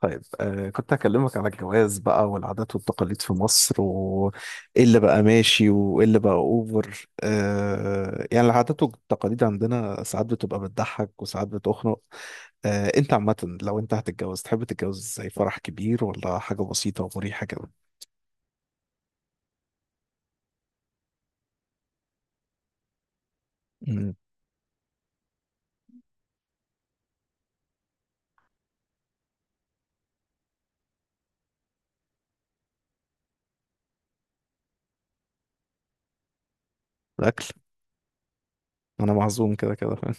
طيب كنت هكلمك على الجواز بقى والعادات والتقاليد في مصر، وإيه اللي بقى ماشي وإيه اللي بقى أوفر. يعني العادات والتقاليد عندنا ساعات بتبقى بتضحك وساعات بتخنق. أنت عامة لو أنت هتتجوز تحب تتجوز زي فرح كبير، ولا حاجة بسيطة ومريحة كده؟ أمم. الأكل. أنا معزوم كده كده فاهم.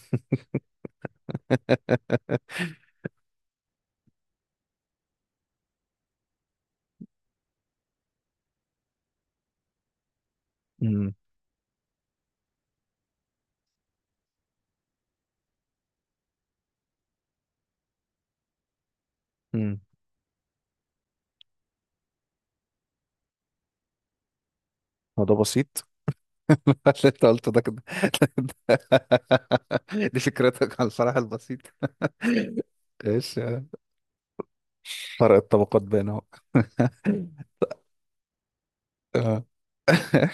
أمم. أمم. هو ده بسيط. اللي أنت قلته ده كده. دي فكرتك على الفرح البسيط. ايش. فرق الطبقات بينهم. آه.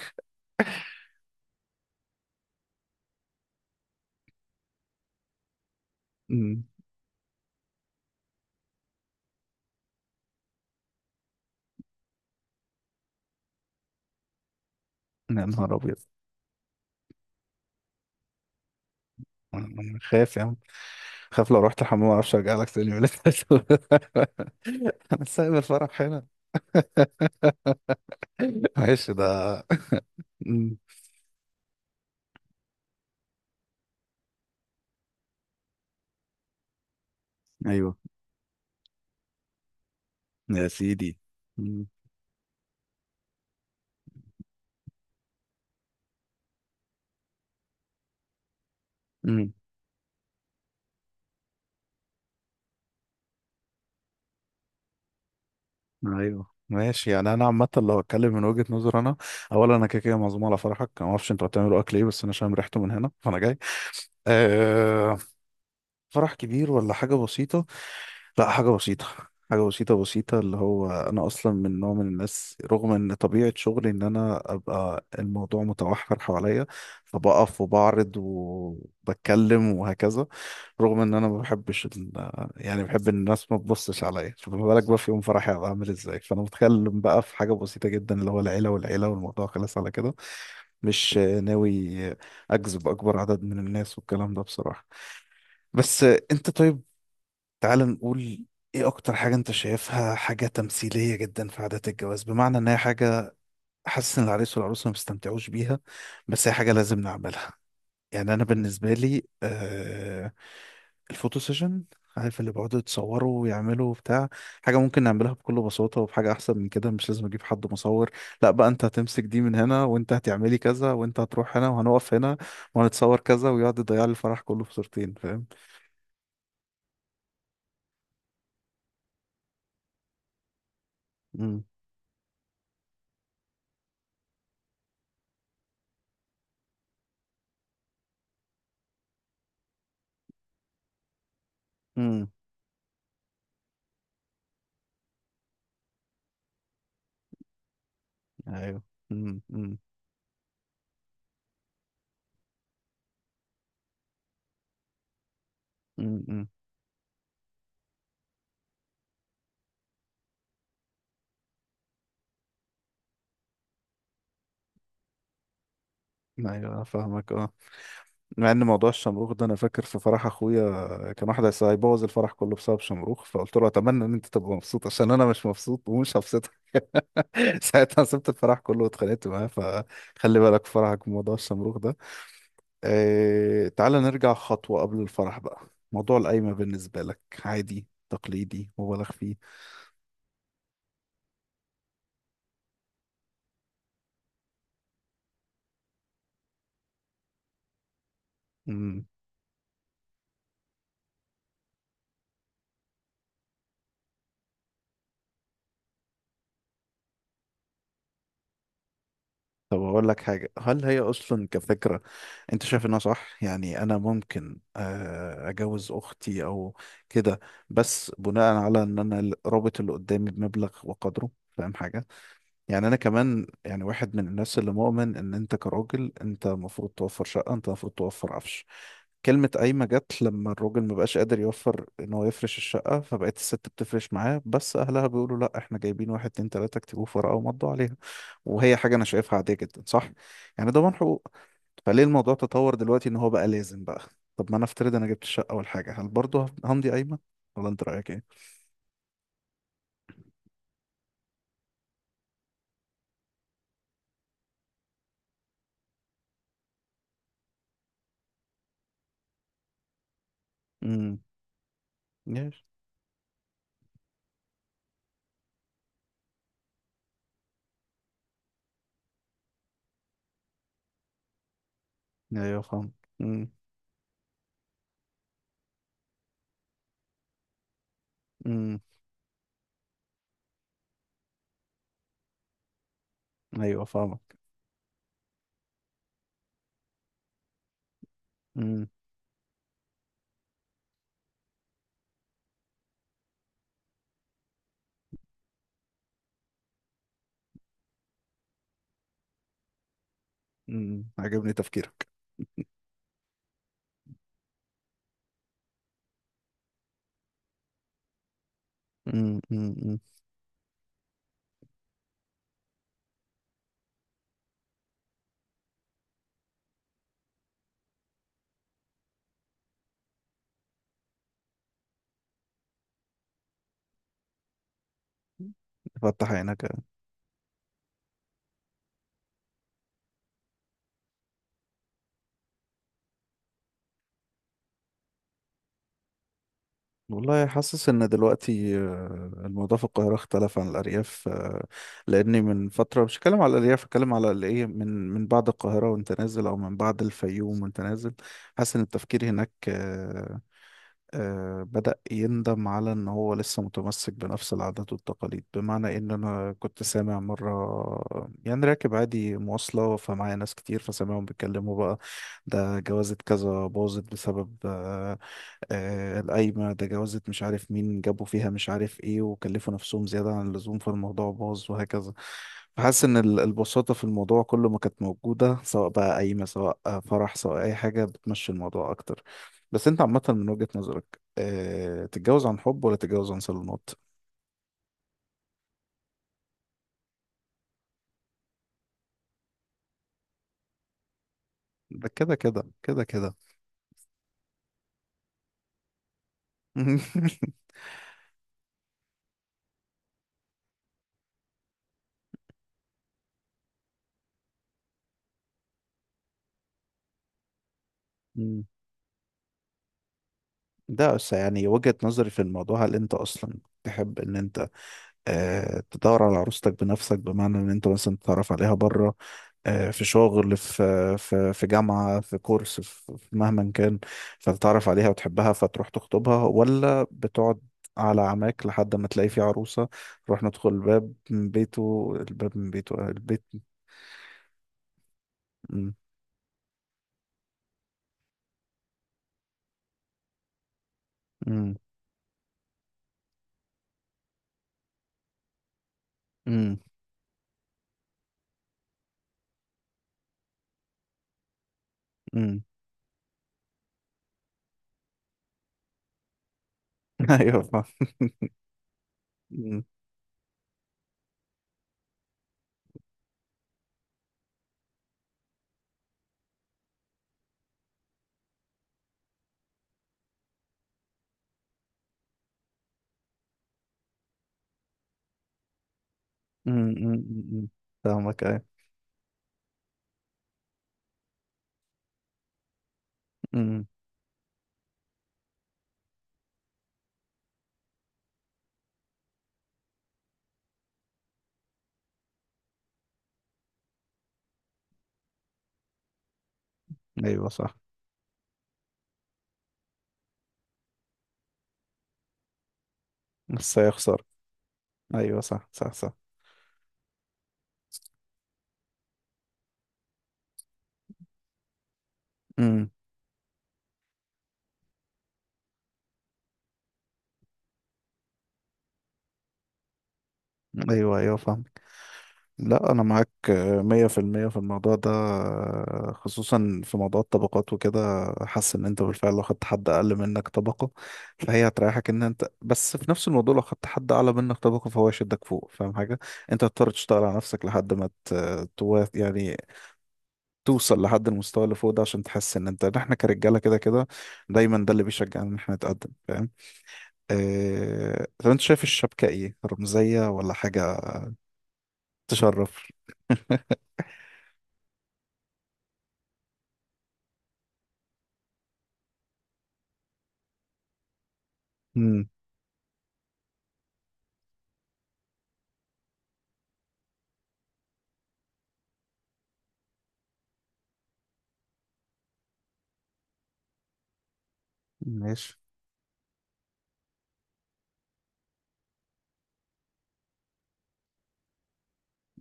أمم. يا نهار ابيض. أنا خايف يا عم. خايف لو رحت الحمام ما اعرفش ارجع لك تاني ولا. انا سايب الفرح هنا. ماشي ده. أمم. ايوه. يا سيدي. أمم. أمم. ايوه ماشي. يعني انا عامه لو اتكلم من وجهه نظر انا، اولا انا كده كده معزوم على فرحك. أنا ما اعرفش انتوا هتعملوا اكل ايه، بس انا شامم ريحته من هنا فانا جاي. أه. فرح كبير ولا حاجة بسيطة؟ لا، حاجة بسيطة. حاجة بسيطة بسيطة، اللي هو أنا أصلا من نوع من الناس، رغم إن طبيعة شغلي إن أنا أبقى الموضوع متوحر حواليا، فبقف وبعرض وبتكلم وهكذا. رغم إن أنا ما بحبش يعني بحب إن الناس ما تبصش عليا، فما بالك بقى في يوم فرحي هبقى عامل إزاي؟ فأنا متخيل بقى في حاجة بسيطة جدا، اللي هو العيلة والعيلة والموضوع خلص على كده. مش ناوي أجذب أكبر عدد من الناس والكلام ده بصراحة. بس انت طيب، تعال نقول ايه اكتر حاجة انت شايفها حاجة تمثيلية جدا في عادات الجواز، بمعنى ان هي حاجة حاسس ان العريس والعروسة ما بيستمتعوش بيها، بس هي حاجة لازم نعملها. يعني انا بالنسبة لي الفوتو سيشن، عارف اللي بيقعدوا يتصوروا ويعملوا وبتاع. حاجة ممكن نعملها بكل بساطة وبحاجة أحسن من كده، مش لازم أجيب حد مصور، لا بقى أنت هتمسك دي من هنا وأنت هتعملي كذا وأنت هتروح هنا وهنقف هنا وهنتصور كذا، ويقعد يضيع لي الفرح كله في صورتين، فاهم؟ امم. ايوه. امم. امم. أمم. ايوه أنا فاهمك اه. مع ان موضوع الشمروخ ده، انا فاكر في فرح اخويا كان واحد هيبوظ الفرح كله بسبب شمروخ، فقلت له اتمنى ان انت تبقى مبسوط عشان انا مش مبسوط ومش هبسطك. ساعتها سبت الفرح كله واتخانقت معاه، فخلي بالك في فرحك من موضوع الشمروخ ده. تعالى نرجع خطوة قبل الفرح بقى. موضوع القايمة بالنسبة لك عادي، تقليدي، مبالغ فيه؟ إمم. طب أقول لك حاجة، هل هي أصلا كفكرة أنت شايف إنها صح؟ يعني أنا ممكن أجوز أختي أو كده، بس بناء على إن أنا رابط اللي قدامي بمبلغ وقدره، فاهم حاجة؟ يعني أنا كمان يعني واحد من الناس اللي مؤمن إن أنت كراجل أنت المفروض توفر شقة، أنت المفروض توفر عفش. كلمة قايمة جت لما الراجل مبقاش قادر يوفر إن هو يفرش الشقة، فبقت الست بتفرش معاه، بس أهلها بيقولوا لأ إحنا جايبين واحد اتنين تلاتة اكتبوه في ورقة ومضوا عليها. وهي حاجة أنا شايفها عادية جدا، صح؟ يعني ضمان حقوق. فليه الموضوع تطور دلوقتي إن هو بقى لازم بقى؟ طب ما أنا أفترض أنا جبت الشقة أول حاجة، هل برضه همضي قايمة؟ ولا أنت رأيك إيه؟ امم. يس. أيوه فاهم. امم امم. أيوه فاهمك. امم امم، عجبني تفكيرك. امم. فتح عينك. والله حاسس ان دلوقتي الموضوع في القاهره اختلف عن الارياف. لاني من فتره مش هتكلم على الارياف، هتكلم على الايه، من بعد القاهره وانت نازل، او من بعد الفيوم وانت نازل. حاسس ان التفكير هناك بدأ يندم على إن هو لسه متمسك بنفس العادات والتقاليد، بمعنى إن أنا كنت سامع مرة، يعني راكب عادي مواصلة فمعايا ناس كتير، فسامعهم بيتكلموا بقى ده جوازة كذا باظت بسبب القايمة، ده جوازة مش عارف مين جابوا فيها مش عارف إيه وكلفوا نفسهم زيادة عن اللزوم فالموضوع باظ وهكذا. فحاسس إن البساطة في الموضوع كله ما كانت موجودة، سواء بقى قايمة سواء فرح سواء أي حاجة، بتمشي الموضوع أكتر. بس انت عامة من وجهة نظرك، تتجوز عن حب ولا تتجوز عن صالونات؟ ده كده كده كده كده. مم. ده بس يعني وجهة نظري في الموضوع. هل انت اصلا تحب ان انت اه تدور على عروستك بنفسك، بمعنى ان انت مثلا تتعرف عليها بره، اه في شغل، في جامعة، في كورس، في مهما كان، فتتعرف عليها وتحبها فتروح تخطبها؟ ولا بتقعد على عماك لحد ما تلاقي في عروسة، نروح ندخل الباب من بيته، الباب من بيته البيت؟ مم. مم. مم. مم. ايوه فاهم. مم. مم. مم. مم. فاهمك ايوه. مم. ايوه صح. بس هيخسر. ايوه صح صح صح. مم. ايوه ايوه فاهم. لا انا معاك مية في المية في الموضوع ده، خصوصا في موضوع الطبقات وكده. حاسس ان انت بالفعل لو خدت حد اقل منك طبقة فهي هتريحك، ان انت بس في نفس الموضوع لو خدت حد اعلى منك طبقة فهو يشدك فوق، فاهم حاجة؟ انت هتضطر تشتغل على نفسك لحد ما يعني توصل لحد المستوى اللي فوق ده، عشان تحس ان انت إن احنا كرجاله كده كده دايما، ده اللي بيشجعنا ان احنا نتقدم، فاهم. اه... طب انت شايف الشبكه ايه، رمزيه ولا حاجه تشرف؟ امم. ماشي.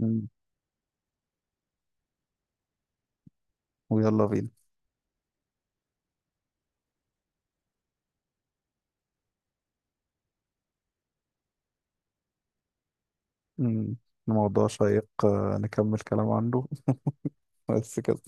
امم. ويلا بينا. امم. الموضوع شيق، نكمل كلام عنه. بس كده.